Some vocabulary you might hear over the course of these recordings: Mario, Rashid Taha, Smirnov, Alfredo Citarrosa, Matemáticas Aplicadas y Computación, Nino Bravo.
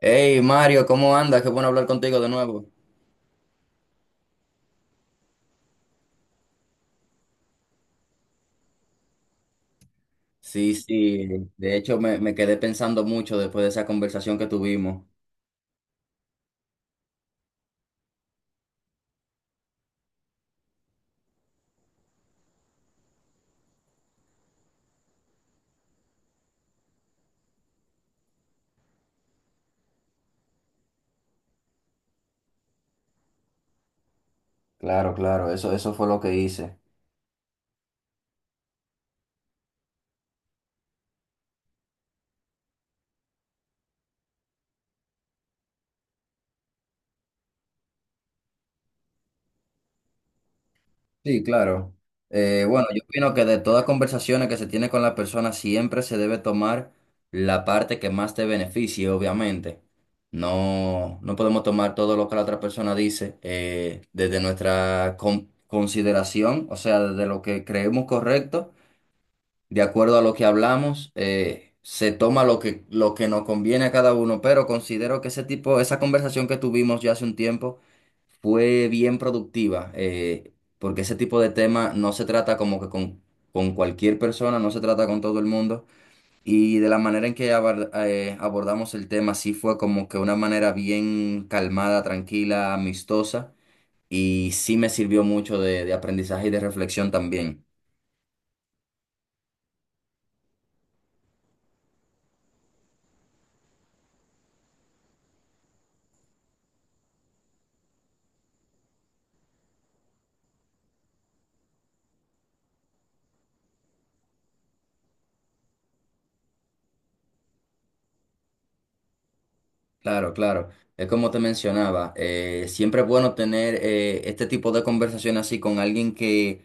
Hey Mario, ¿cómo andas? Qué bueno hablar contigo de nuevo. Sí, sí, de hecho me quedé pensando mucho después de esa conversación que tuvimos. Claro, claro, eso fue lo que hice. Sí, claro. Bueno, yo opino que de todas conversaciones que se tiene con la persona siempre se debe tomar la parte que más te beneficie, obviamente. No, no podemos tomar todo lo que la otra persona dice desde nuestra consideración, o sea, desde lo que creemos correcto. De acuerdo a lo que hablamos, se toma lo que nos conviene a cada uno, pero considero que ese tipo, esa conversación que tuvimos ya hace un tiempo fue bien productiva, porque ese tipo de tema no se trata como que con cualquier persona, no se trata con todo el mundo, y de la manera en que abordamos el tema sí fue como que una manera bien calmada, tranquila, amistosa, y sí me sirvió mucho de aprendizaje y de reflexión también. Claro, claro. Es como te mencionaba, siempre es bueno tener este tipo de conversación así con alguien que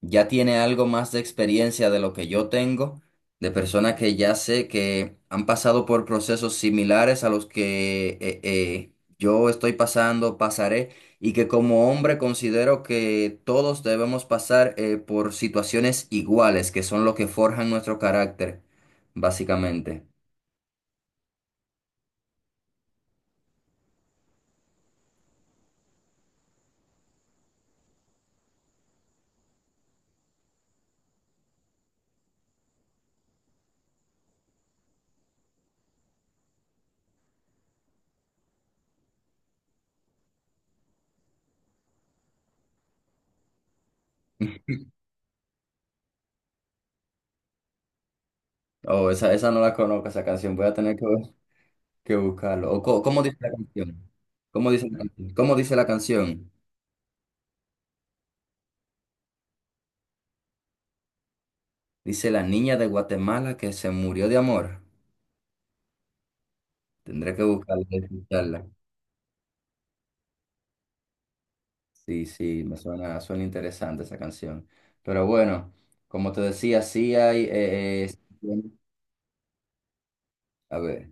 ya tiene algo más de experiencia de lo que yo tengo, de personas que ya sé que han pasado por procesos similares a los que yo estoy pasando, pasaré, y que como hombre considero que todos debemos pasar por situaciones iguales, que son lo que forjan nuestro carácter, básicamente. Oh, esa no la conozco, esa canción. Voy a tener que buscarlo. ¿Cómo dice la canción? ¿Cómo dice la canción? ¿Cómo dice la canción? Dice la niña de Guatemala que se murió de amor. Tendré que buscarla y escucharla. Sí, sí, me suena, interesante esa canción. Pero bueno, como te decía, sí hay, a ver,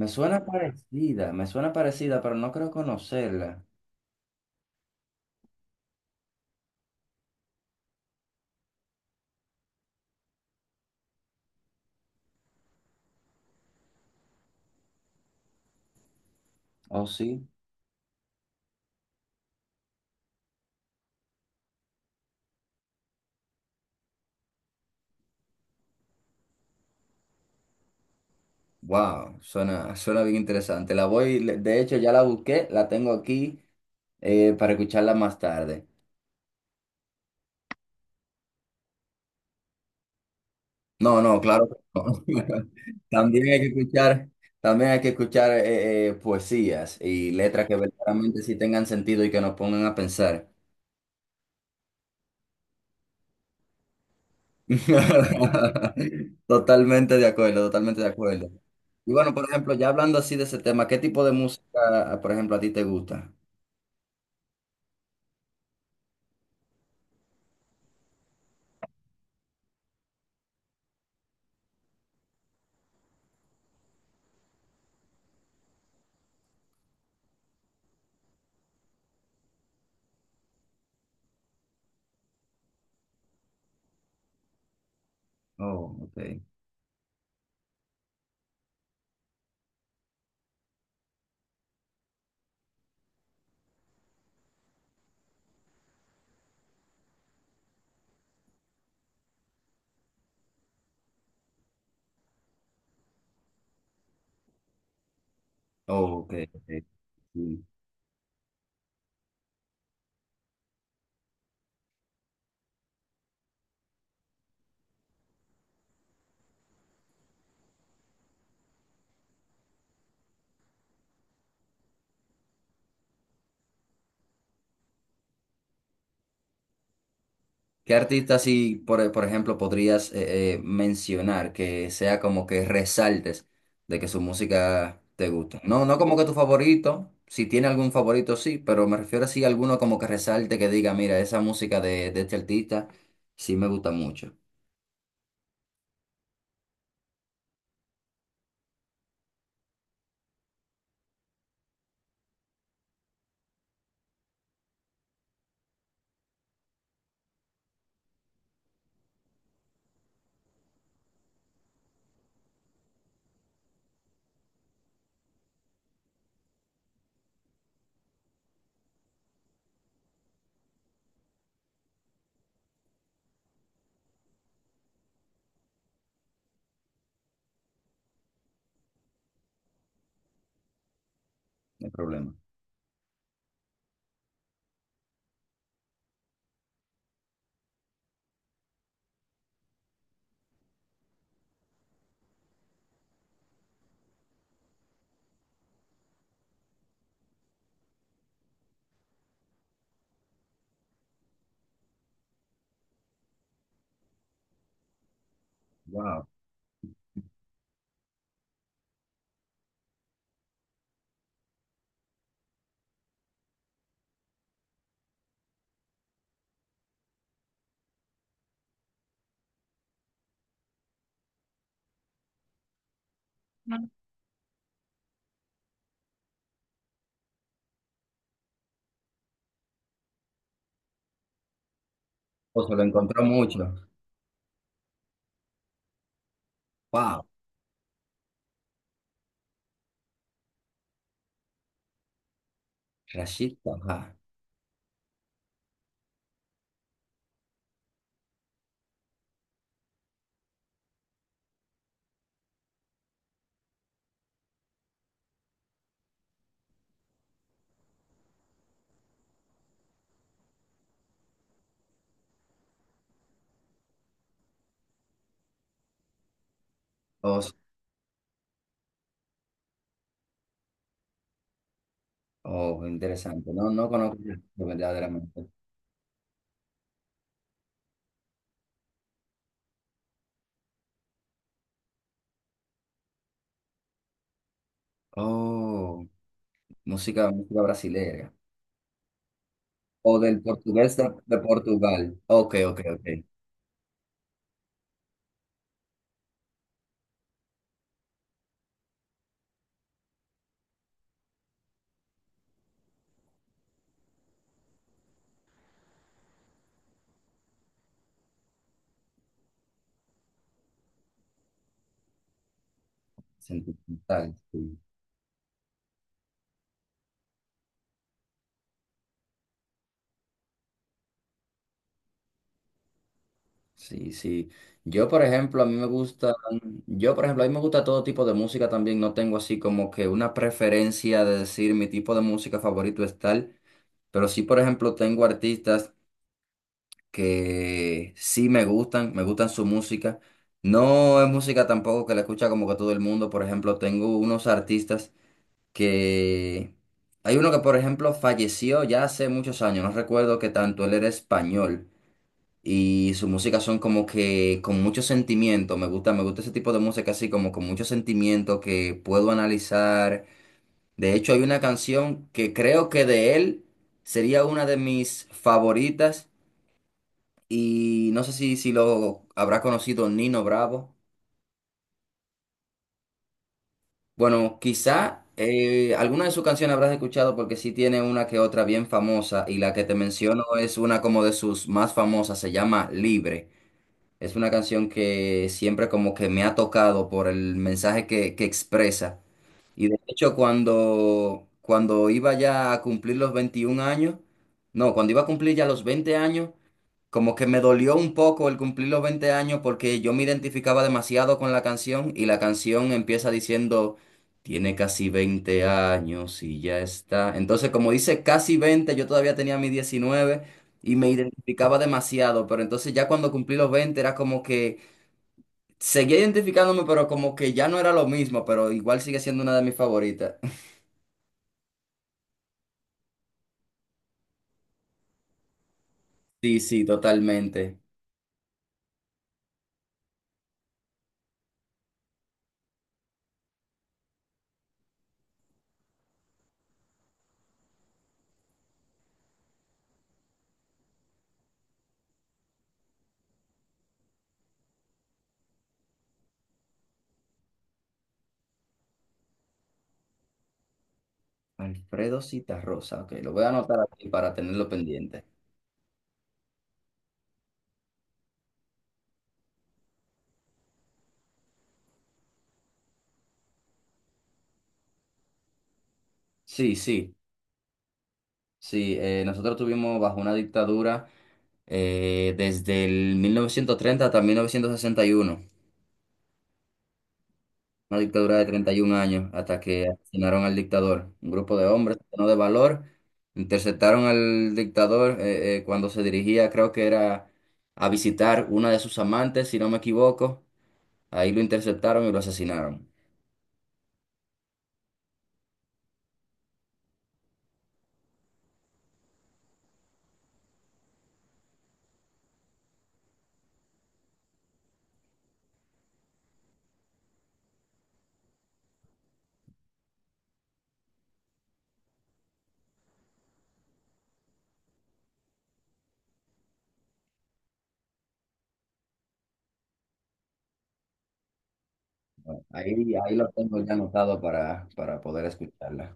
me suena parecida, pero no creo conocerla. ¿Oh, sí? Wow, suena bien interesante. De hecho ya la busqué, la tengo aquí para escucharla más tarde. No, no, claro. Que no. También hay que escuchar, también hay que escuchar poesías y letras que verdaderamente sí tengan sentido y que nos pongan a pensar. Totalmente de acuerdo, totalmente de acuerdo. Y bueno, por ejemplo, ya hablando así de ese tema, ¿qué tipo de música, por ejemplo, a ti te gusta? Oh, ok. Oh, ok, ok. Sí. ¿Qué artista así, por ejemplo, podrías mencionar que sea como que resaltes de que su música te gusta? No, no como que tu favorito, si tiene algún favorito sí, pero me refiero así a alguno como que resalte que diga, mira, esa música de este artista sí me gusta mucho. No hay problema. Wow. O se lo encontró mucho. Wow, Rashid Taha. Oh, s- oh, interesante. No, no conozco verdaderamente. Oh, música, música brasileña. O del portugués de Portugal. Ok, ok, ok. Sentimental, sí. Sí, sí. Yo, por ejemplo, a mí me gusta, yo, por ejemplo, a mí me gusta todo tipo de música también. No tengo así como que una preferencia de decir mi tipo de música favorito es tal, pero sí, por ejemplo, tengo artistas que sí me gustan su música. No es música tampoco que la escucha como que todo el mundo. Por ejemplo, tengo unos artistas. Que hay uno que, por ejemplo, falleció ya hace muchos años, no recuerdo qué tanto, él era español y su música son como que con mucho sentimiento, me gusta ese tipo de música así como con mucho sentimiento que puedo analizar. De hecho, hay una canción que creo que de él sería una de mis favoritas y no sé si, si lo habrá conocido Nino Bravo. Bueno, quizá alguna de sus canciones habrás escuchado porque sí tiene una que otra bien famosa y la que te menciono es una como de sus más famosas, se llama Libre. Es una canción que siempre como que me ha tocado por el mensaje que expresa. Y de hecho cuando iba ya a cumplir los 21 años, no, cuando iba a cumplir ya los 20 años, como que me dolió un poco el cumplir los 20 años porque yo me identificaba demasiado con la canción y la canción empieza diciendo, tiene casi 20 años y ya está. Entonces, como dice casi 20, yo todavía tenía mis 19 y me identificaba demasiado, pero entonces ya cuando cumplí los 20 era como que seguía identificándome, pero como que ya no era lo mismo, pero igual sigue siendo una de mis favoritas. Sí, sí, totalmente. Alfredo Citarrosa, ok, lo voy a anotar aquí para tenerlo pendiente. Sí, sí. Sí, nosotros tuvimos bajo una dictadura desde el 1930 hasta 1961, una dictadura de 31 años, hasta que asesinaron al dictador. Un grupo de hombres llenos de valor interceptaron al dictador cuando se dirigía, creo que era a visitar una de sus amantes, si no me equivoco. Ahí lo interceptaron y lo asesinaron. Bueno, ahí lo tengo ya anotado para poder escucharla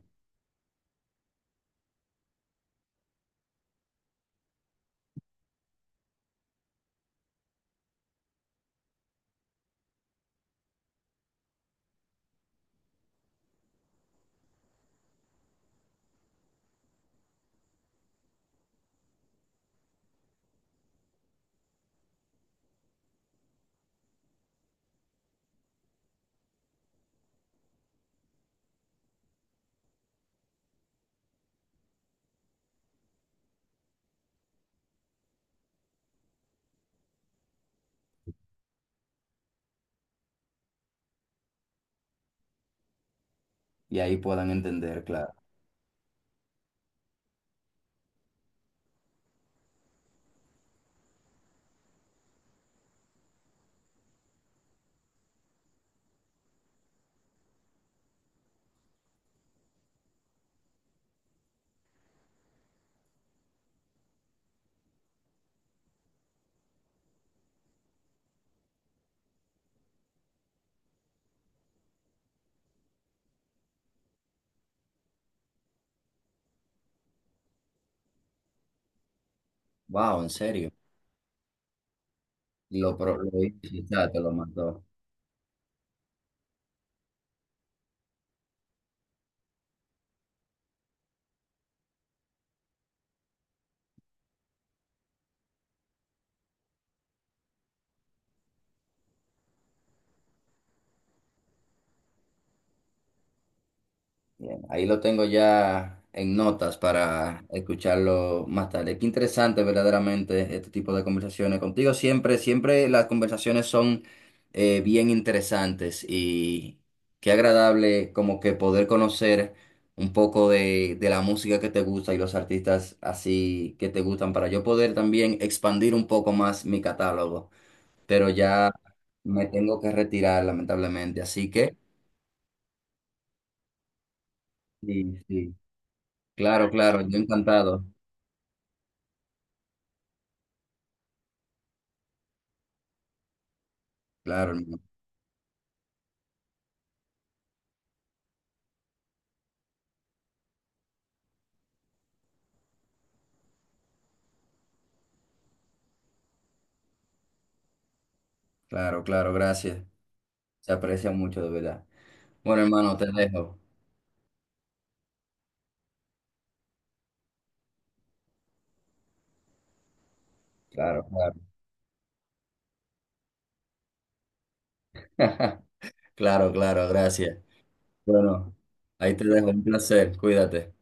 y ahí puedan entender, claro. Wow, en serio. Lo hice, ya te lo mandó. Bien, ahí lo tengo ya en notas para escucharlo más tarde. Qué interesante verdaderamente este tipo de conversaciones contigo. Siempre, siempre las conversaciones son bien interesantes y qué agradable como que poder conocer un poco de la música que te gusta y los artistas así que te gustan para yo poder también expandir un poco más mi catálogo. Pero ya me tengo que retirar lamentablemente, así que... Sí, sí. Claro, claro, yo encantado. Claro, hermano. Claro, claro, gracias. Se aprecia mucho, de verdad. Bueno, hermano, te dejo. Claro, claro. Claro, claro, gracias. Bueno, ahí te dejo. Un placer. Cuídate.